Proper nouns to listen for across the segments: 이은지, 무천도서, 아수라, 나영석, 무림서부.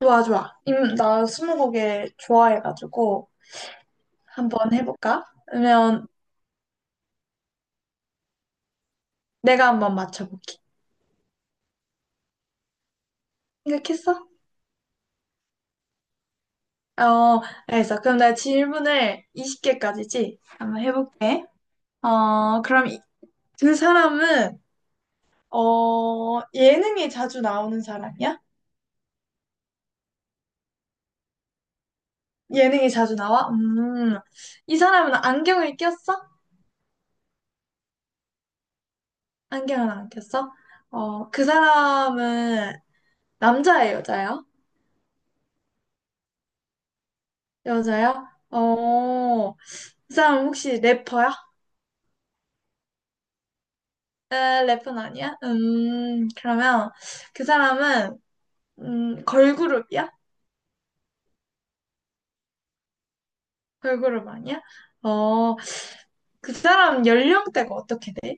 좋아, 좋아. 나 스무고개 좋아해가지고 한번 해볼까? 그러면 내가 한번 맞춰볼게. 생각했어? 어, 알겠어. 그럼 내가 질문을 20개까지지? 한번 해볼게. 어, 그럼 그 사람은 어, 예능에 자주 나오는 사람이야? 예능에 자주 나와? 이 사람은 안경을 꼈어? 안경을 안 꼈어? 어, 그 사람은 남자예요, 여자예요? 여자요. 어, 그 사람 혹시 래퍼야? 에, 래퍼는 아니야? 그러면 그 사람은, 걸그룹이야? 걸그룹 아니야? 어, 그 사람 연령대가 어떻게 돼?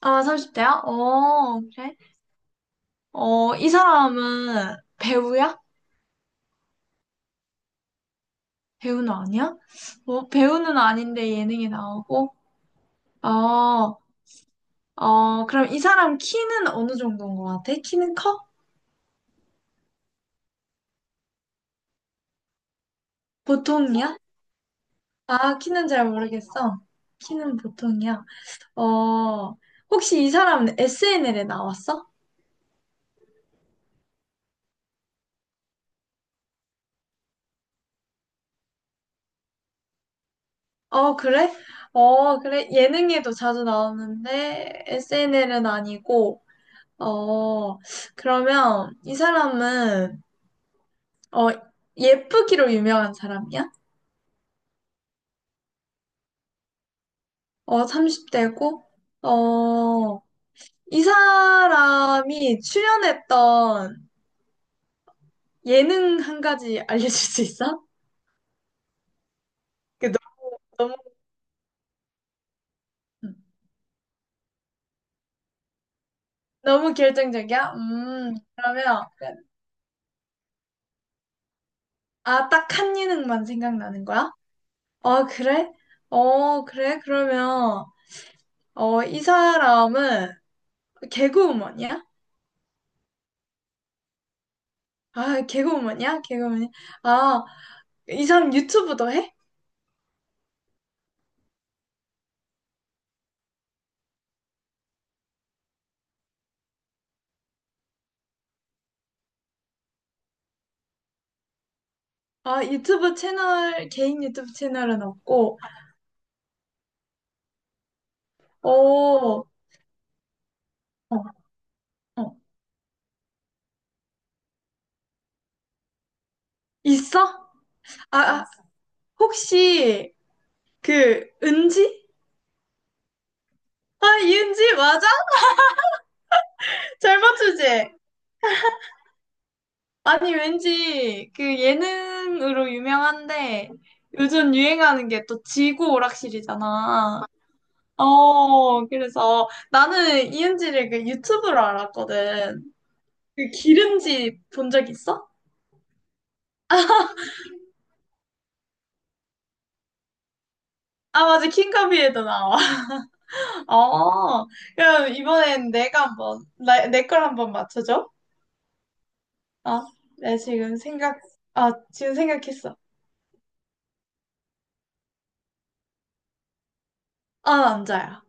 아, 30대야? 어, 그래? 어, 이 사람은 배우야? 배우는 아니야? 어, 배우는 아닌데 예능에 나오고? 어, 어, 그럼 이 사람 키는 어느 정도인 것 같아? 키는 커? 보통이야? 아, 키는 잘 모르겠어. 키는 보통이야. 어, 혹시 이 사람 SNL에 나왔어? 어, 그래? 어, 그래. 예능에도 자주 나오는데 SNL은 아니고, 어, 그러면 이 사람은, 어, 예쁘기로 유명한 사람이야? 어, 30대고, 어, 이 사람이 출연했던 예능 한 가지 알려줄 수 있어? 그 너- 무 너무 결정적이야? 그러면 아, 딱 한 예능만 생각나는 거야? 어, 그래? 어, 그래? 그러면, 어, 이 사람은 개그우먼이야? 아, 개그우먼이야? 개그우먼이야? 아, 이 사람 유튜브도 해? 아, 유튜브 채널, 개인 유튜브 채널은 없고, 어, 어, 어, 있어? 아, 아, 혹시, 그, 은지? 아, 이은지? 맞아? 잘 맞추지? 아니, 왠지 그 예능으로 유명한데 요즘 유행하는 게 또 지구 오락실이잖아. 어, 그래서 나는 이은지를 그 유튜브로 알았거든. 그 기름지 본 적 있어? 아, 맞아. 킹카비에도 나와. 어, 그럼 이번엔 내가 한번, 나, 내걸 한번 맞춰줘. 아, 내 지금 생각, 아, 지금 생각했어. 아, 남자야.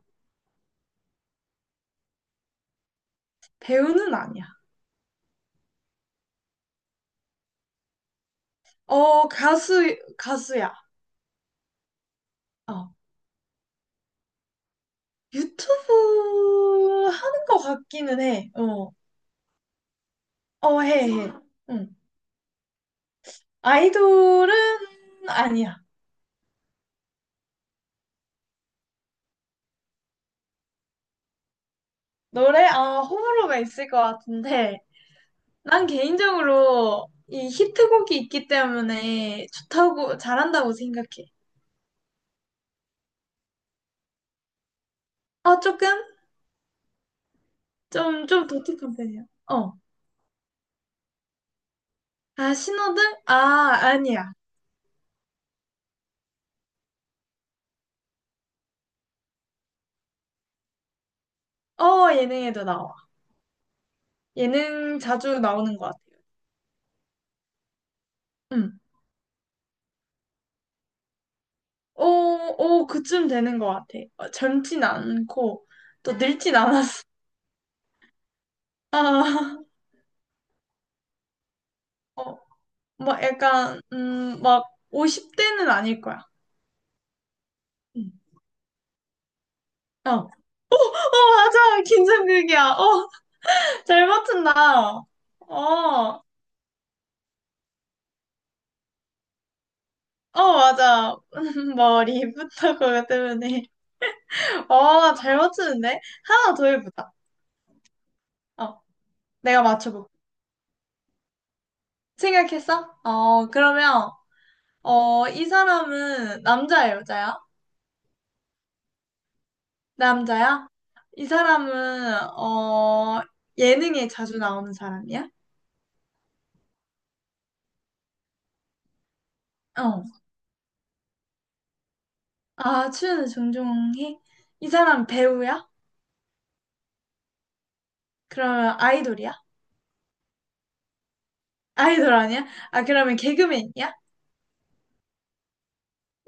배우는 아니야. 어, 가수야. 어. 유튜브 하는 것 같기는 해. 어, 어, 해, 해. 응. 아이돌은 아니야. 노래? 아, 호불호가 있을 것 같은데. 난 개인적으로 이 히트곡이 있기 때문에 좋다고, 잘한다고 생각해. 어, 조금? 좀 독특한 편이야. 어. 아, 신호등? 아, 아니야. 어, 예능에도 나와. 예능 자주 나오는 것 같아요. 응. 어, 어, 그쯤 되는 것 같아. 어, 젊진 않고, 또 늙진 않았어. 아, 어, 막 약간, 막 50대는 아닐 거야. 응. 어, 어, 맞아. 긴장극이야. 어, 잘 맞춘다. 어, 어, 맞아. 머리부터 그거 때문에. 어, 잘 맞추는데? 하나 더 해보자. 어, 내가 맞춰볼게. 생각했어? 어, 그러면, 어, 이 사람은 남자야, 여자야? 남자야? 이 사람은, 어, 예능에 자주 나오는 사람이야? 어. 아, 출연을 종종 해? 이 사람 배우야? 그러면 아이돌이야? 아이돌 아니야? 아, 그러면 개그맨이야?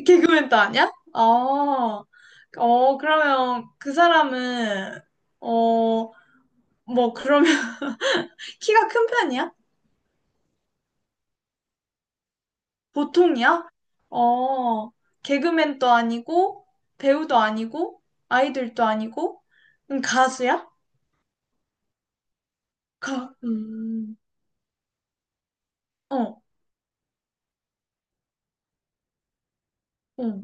개그맨도 아니야? 어, 어, 그러면 그 사람은, 어, 뭐, 그러면 키가 큰 편이야? 보통이야? 어, 개그맨도 아니고, 배우도 아니고, 아이돌도 아니고, 가수야? 가, 음, 어, 어.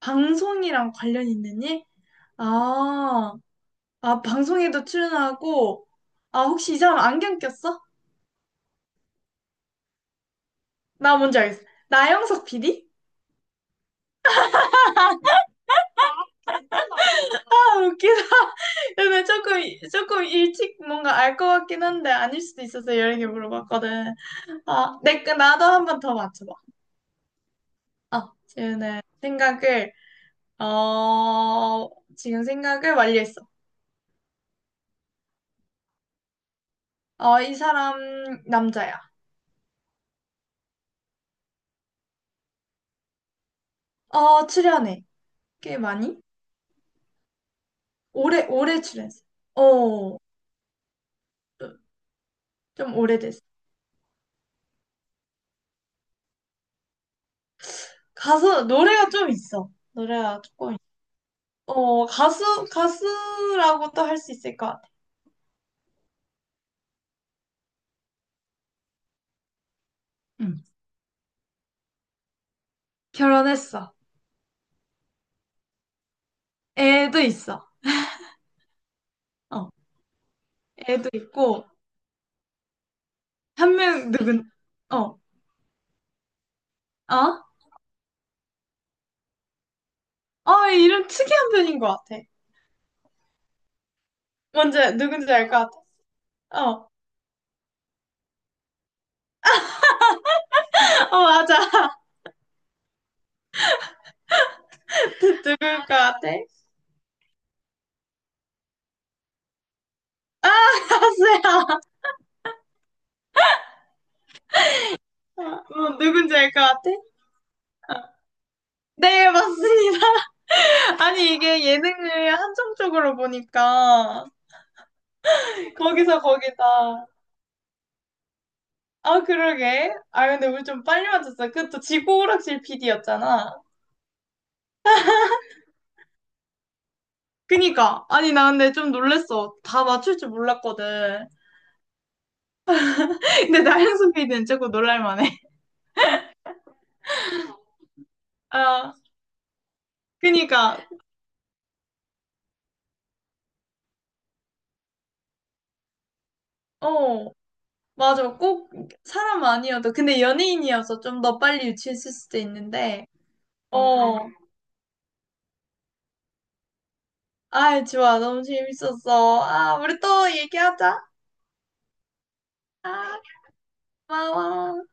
방송이랑 관련 있는 일? 아, 아, 방송에도 출연하고, 아, 혹시 이 사람 안경 꼈어? 나 뭔지 알겠어. 나영석 PD? 아, 웃기다. 근데 조금 일찍 뭔가 알 것 같긴 한데, 아닐 수도 있어서 여러 개 물어봤거든. 아, 내, 거 나도 한 번 더 맞춰봐. 아, 어, 지금 생각을 완료했어. 어, 이 사람 남자야. 어, 출연해. 꽤 많이? 오래 출연했어. 어, 좀 오래됐어. 가수, 노래가 좀 있어. 노래가 조금 있어. 어, 가수라고 또 할 수 있을 것 같아. 응. 결혼했어. 애도 있어. 어, 애도 있고, 한 명 누군, 어, 어? 어, 이름 특이한 편인 것 같아. 먼저 누군지 알 것 같아. 어, 어, 맞아. 누굴 것 같아? 아, 가수야. 어, 누군지 알 것 같아? 네, 맞습니다. 아니, 이게 예능을 한정적으로 보니까, 거기서 거기다. 아, 그러게. 아, 근데 우리 좀 빨리 맞췄어. 그 또 지구오락실 PD였잖아. 그니까. 아니, 나 근데 좀 놀랬어. 다 맞출 줄 몰랐거든. 근데 나영석 PD는 조금 놀랄만해. 아, 그니까. 어, 맞아. 꼭 사람 아니어도. 근데 연예인이어서 좀 더 빨리 유치했을 수도 있는데. 어. 아, 좋아. 너무 재밌었어. 아, 우리 또 얘기하자. 아, 고마워.